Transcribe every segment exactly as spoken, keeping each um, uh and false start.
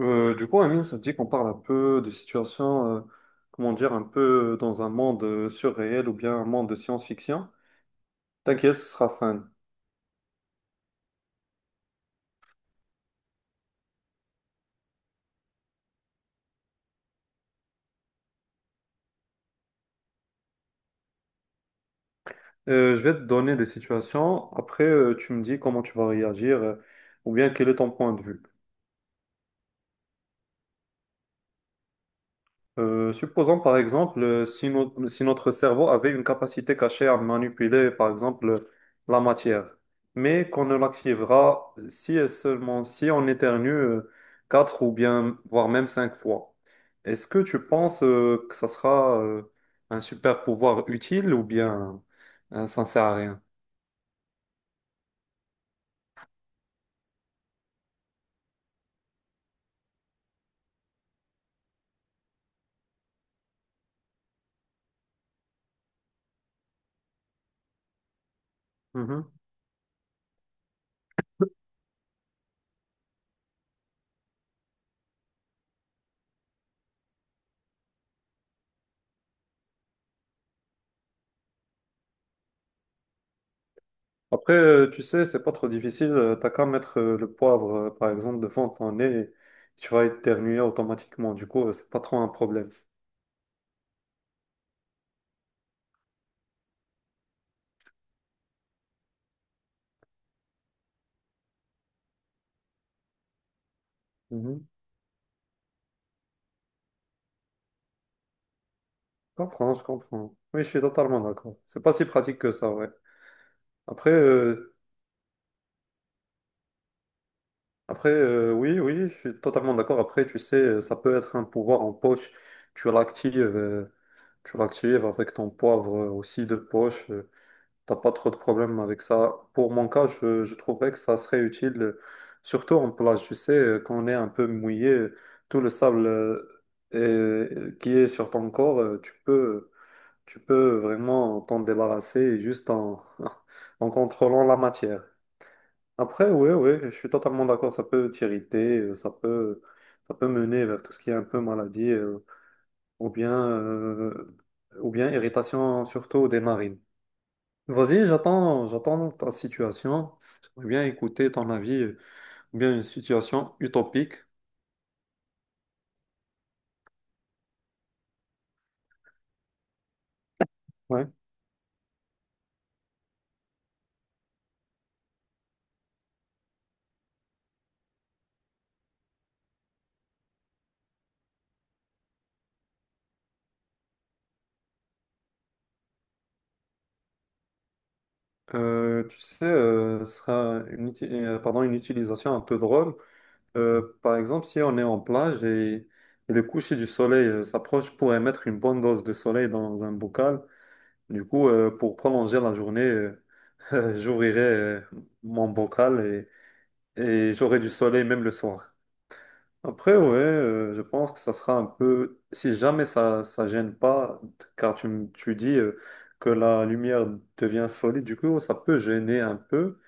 Euh, du coup, Amine, ça te dit qu'on parle un peu de situations, euh, comment dire, un peu dans un monde euh, surréel ou bien un monde de science-fiction. T'inquiète, ce sera fun. Euh, je vais te donner des situations. Après, euh, tu me dis comment tu vas réagir, euh, ou bien quel est ton point de vue. Euh, supposons par exemple euh, si, no- si notre cerveau avait une capacité cachée à manipuler par exemple la matière, mais qu'on ne l'activera si et seulement si on éternue euh, quatre ou bien voire même cinq fois. Est-ce que tu penses euh, que ça sera euh, un super pouvoir utile ou bien euh, ça ne sert à rien? Après, euh, tu sais, c'est pas trop difficile. euh, T'as qu'à mettre euh, le poivre, euh, par exemple, devant ton nez, et tu vas éternuer automatiquement. Du coup, euh, c'est pas trop un problème. Mhm. Je comprends, je comprends. Oui, je suis totalement d'accord. C'est pas si pratique que ça, ouais. Après, euh, après, euh, oui, oui, je suis totalement d'accord. Après, tu sais, euh, ça peut être un pouvoir en poche. Tu l'actives, euh, tu l'actives avec ton poivre euh, aussi de poche. euh, T'as pas trop de problèmes avec ça. Pour mon cas, je, je trouverais que ça serait utile, euh, surtout en plage. Tu sais, euh, quand on est un peu mouillé, euh, tout le sable euh, est- qui est sur ton corps, euh, tu peux, tu peux vraiment t'en débarrasser juste en, en contrôlant la matière. Après, oui, oui, je suis totalement d'accord. Ça peut t'irriter, euh, ça peut, ça peut mener vers tout ce qui est un peu maladie, euh, ou bien, euh, ou bien irritation, surtout des narines. Vas-y, j'attends, j'attends ta situation. J'aimerais bien écouter ton avis, euh, ou bien une situation utopique. Ouais. Euh, tu sais, euh, ce sera une, uti- euh, pardon, une utilisation un peu drôle. Euh, par exemple, si on est en plage et, et le coucher du soleil euh, s'approche, pourrait mettre une bonne dose de soleil dans un bocal. Du coup, euh, pour prolonger la journée, euh, j'ouvrirai euh, mon bocal et, et j'aurai du soleil même le soir. Après, ouais, euh, je pense que ça sera un peu, si jamais ça ça gêne pas, car tu, me- tu dis euh, que la lumière devient solide, du coup, ça peut gêner un peu.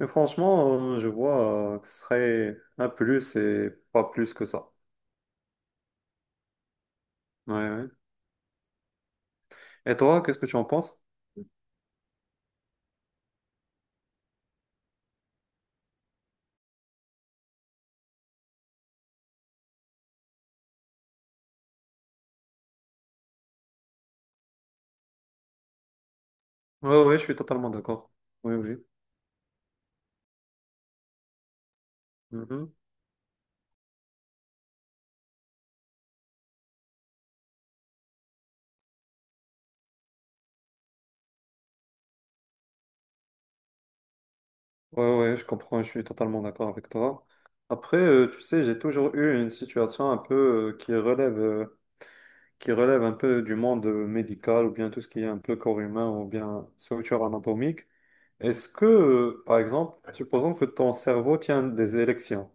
Mais franchement, euh, je vois euh, que ce serait un plus et pas plus que ça. Ouais, ouais. Et toi, qu'est-ce que tu en penses? Ouais, ouais, je suis totalement d'accord. Oui, oui. Mhm. Ouais, ouais, je comprends, je suis totalement d'accord avec toi. Après, euh, tu sais, j'ai toujours eu une situation un peu euh, qui relève euh, qui relève un peu du monde médical ou bien tout ce qui est un peu corps humain ou bien structure anatomique. Est-ce que, euh, par exemple, supposons que ton cerveau tient des élections.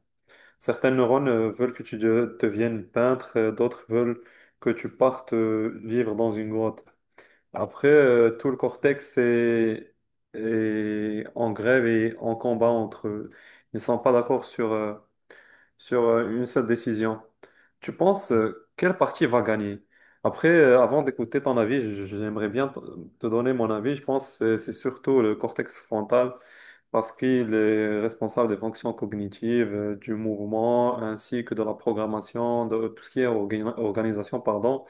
Certains neurones euh, veulent que tu de- deviennes peintre, euh, d'autres veulent que tu partes euh, vivre dans une grotte. Après, euh, tout le cortex est, est en grève et en combat entre eux. Ils ne sont pas d'accord sur euh, sur euh, une seule décision. Tu penses euh, quelle partie va gagner? Après, euh, avant d'écouter ton avis, je- je- j'aimerais bien te te donner mon avis. Je pense que c'est surtout le cortex frontal parce qu'il est responsable des fonctions cognitives, euh, du mouvement, ainsi que de la programmation, de tout ce qui est orga- organisation, pardon.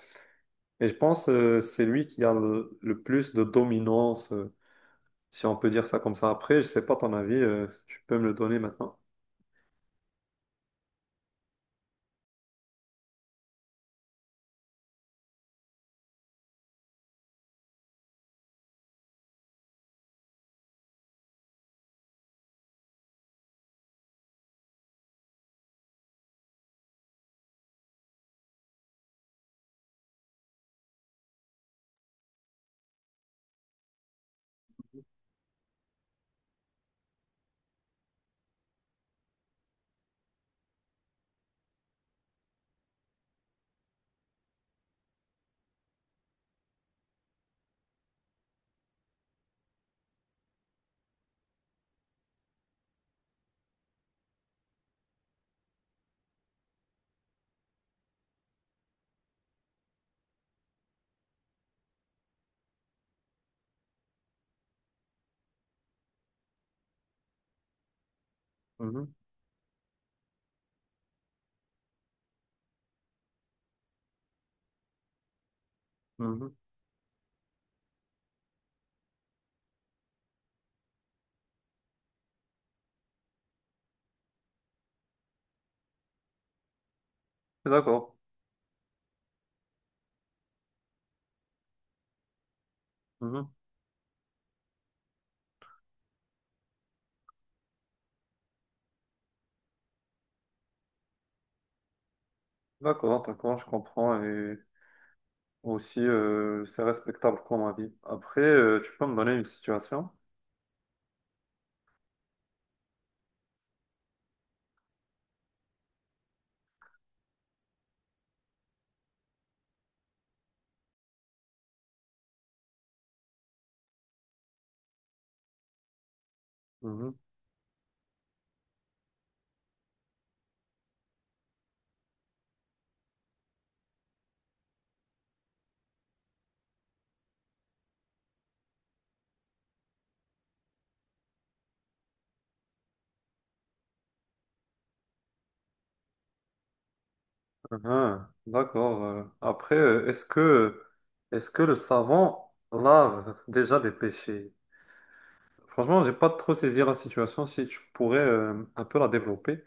Et je pense que c'est lui qui a le, le plus de dominance, euh, si on peut dire ça comme ça. Après, je sais pas ton avis, euh, tu peux me le donner maintenant. Mhm, mhm. D'accord. D'accord, d'accord, je comprends. Et aussi, euh, c'est respectable comme avis. Après, euh, tu peux me donner une situation? Mhm. Mhm. D'accord. euh. Après, euh, est-ce que, est-ce que le savon lave déjà des péchés? Franchement, j'ai pas trop saisi la situation. Si tu pourrais euh, un peu la développer.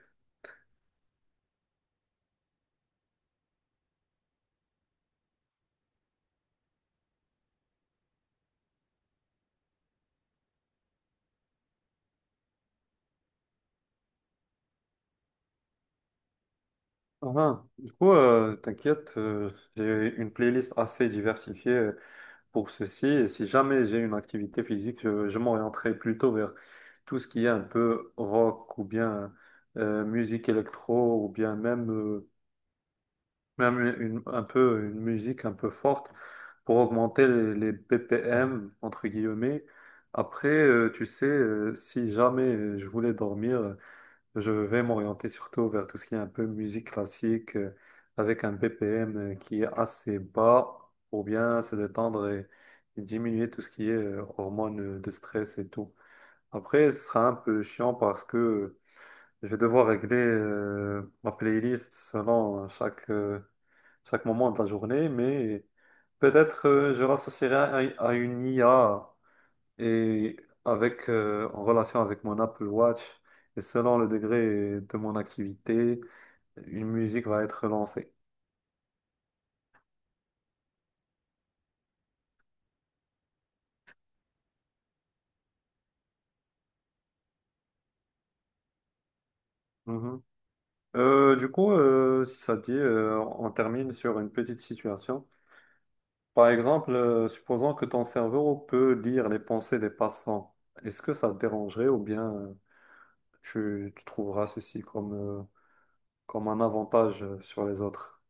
Mhm. Du coup, euh, t'inquiète, euh, j'ai une playlist assez diversifiée. euh, pour ceci. Et si jamais j'ai une activité physique, je, je m'orienterai plutôt vers tout ce qui est un peu rock ou bien euh, musique électro ou bien même, euh, même une, un peu, une musique un peu forte pour augmenter les, les B P M, entre guillemets. Après, euh, tu sais, euh, si jamais euh, je voulais dormir, je vais m'orienter surtout vers tout ce qui est un peu musique classique, euh, avec un B P M qui est assez bas, pour bien se détendre et, et diminuer tout ce qui est euh, hormones euh, de stress et tout. Après, ce sera un peu chiant parce que je vais devoir régler euh, ma playlist selon chaque, euh, chaque moment de la journée, mais peut-être euh, je l'associerai à, à une I A et avec, euh, en relation avec mon Apple Watch, et selon le degré de mon activité, une musique va être lancée. Mhm. Euh, du coup, euh, si ça te dit, euh, on termine sur une petite situation. Par exemple, euh, supposons que ton cerveau peut lire les pensées des passants. Est-ce que ça te dérangerait ou bien euh, tu, tu trouveras ceci comme, euh, comme un avantage euh, sur les autres?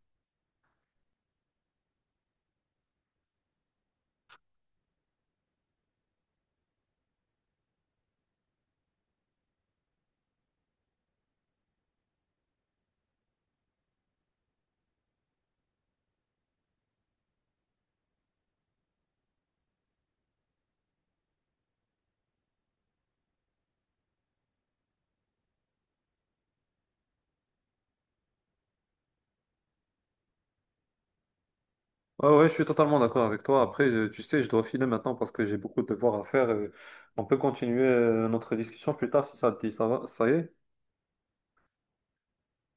Ouais, ouais, je suis totalement d'accord avec toi. Après, euh, tu sais, je dois filer maintenant parce que j'ai beaucoup de devoirs à faire. euh, On peut continuer euh, notre discussion plus tard si ça te dit. Ça va, ça y est?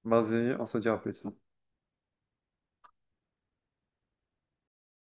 Vas-y, on se dit à plus.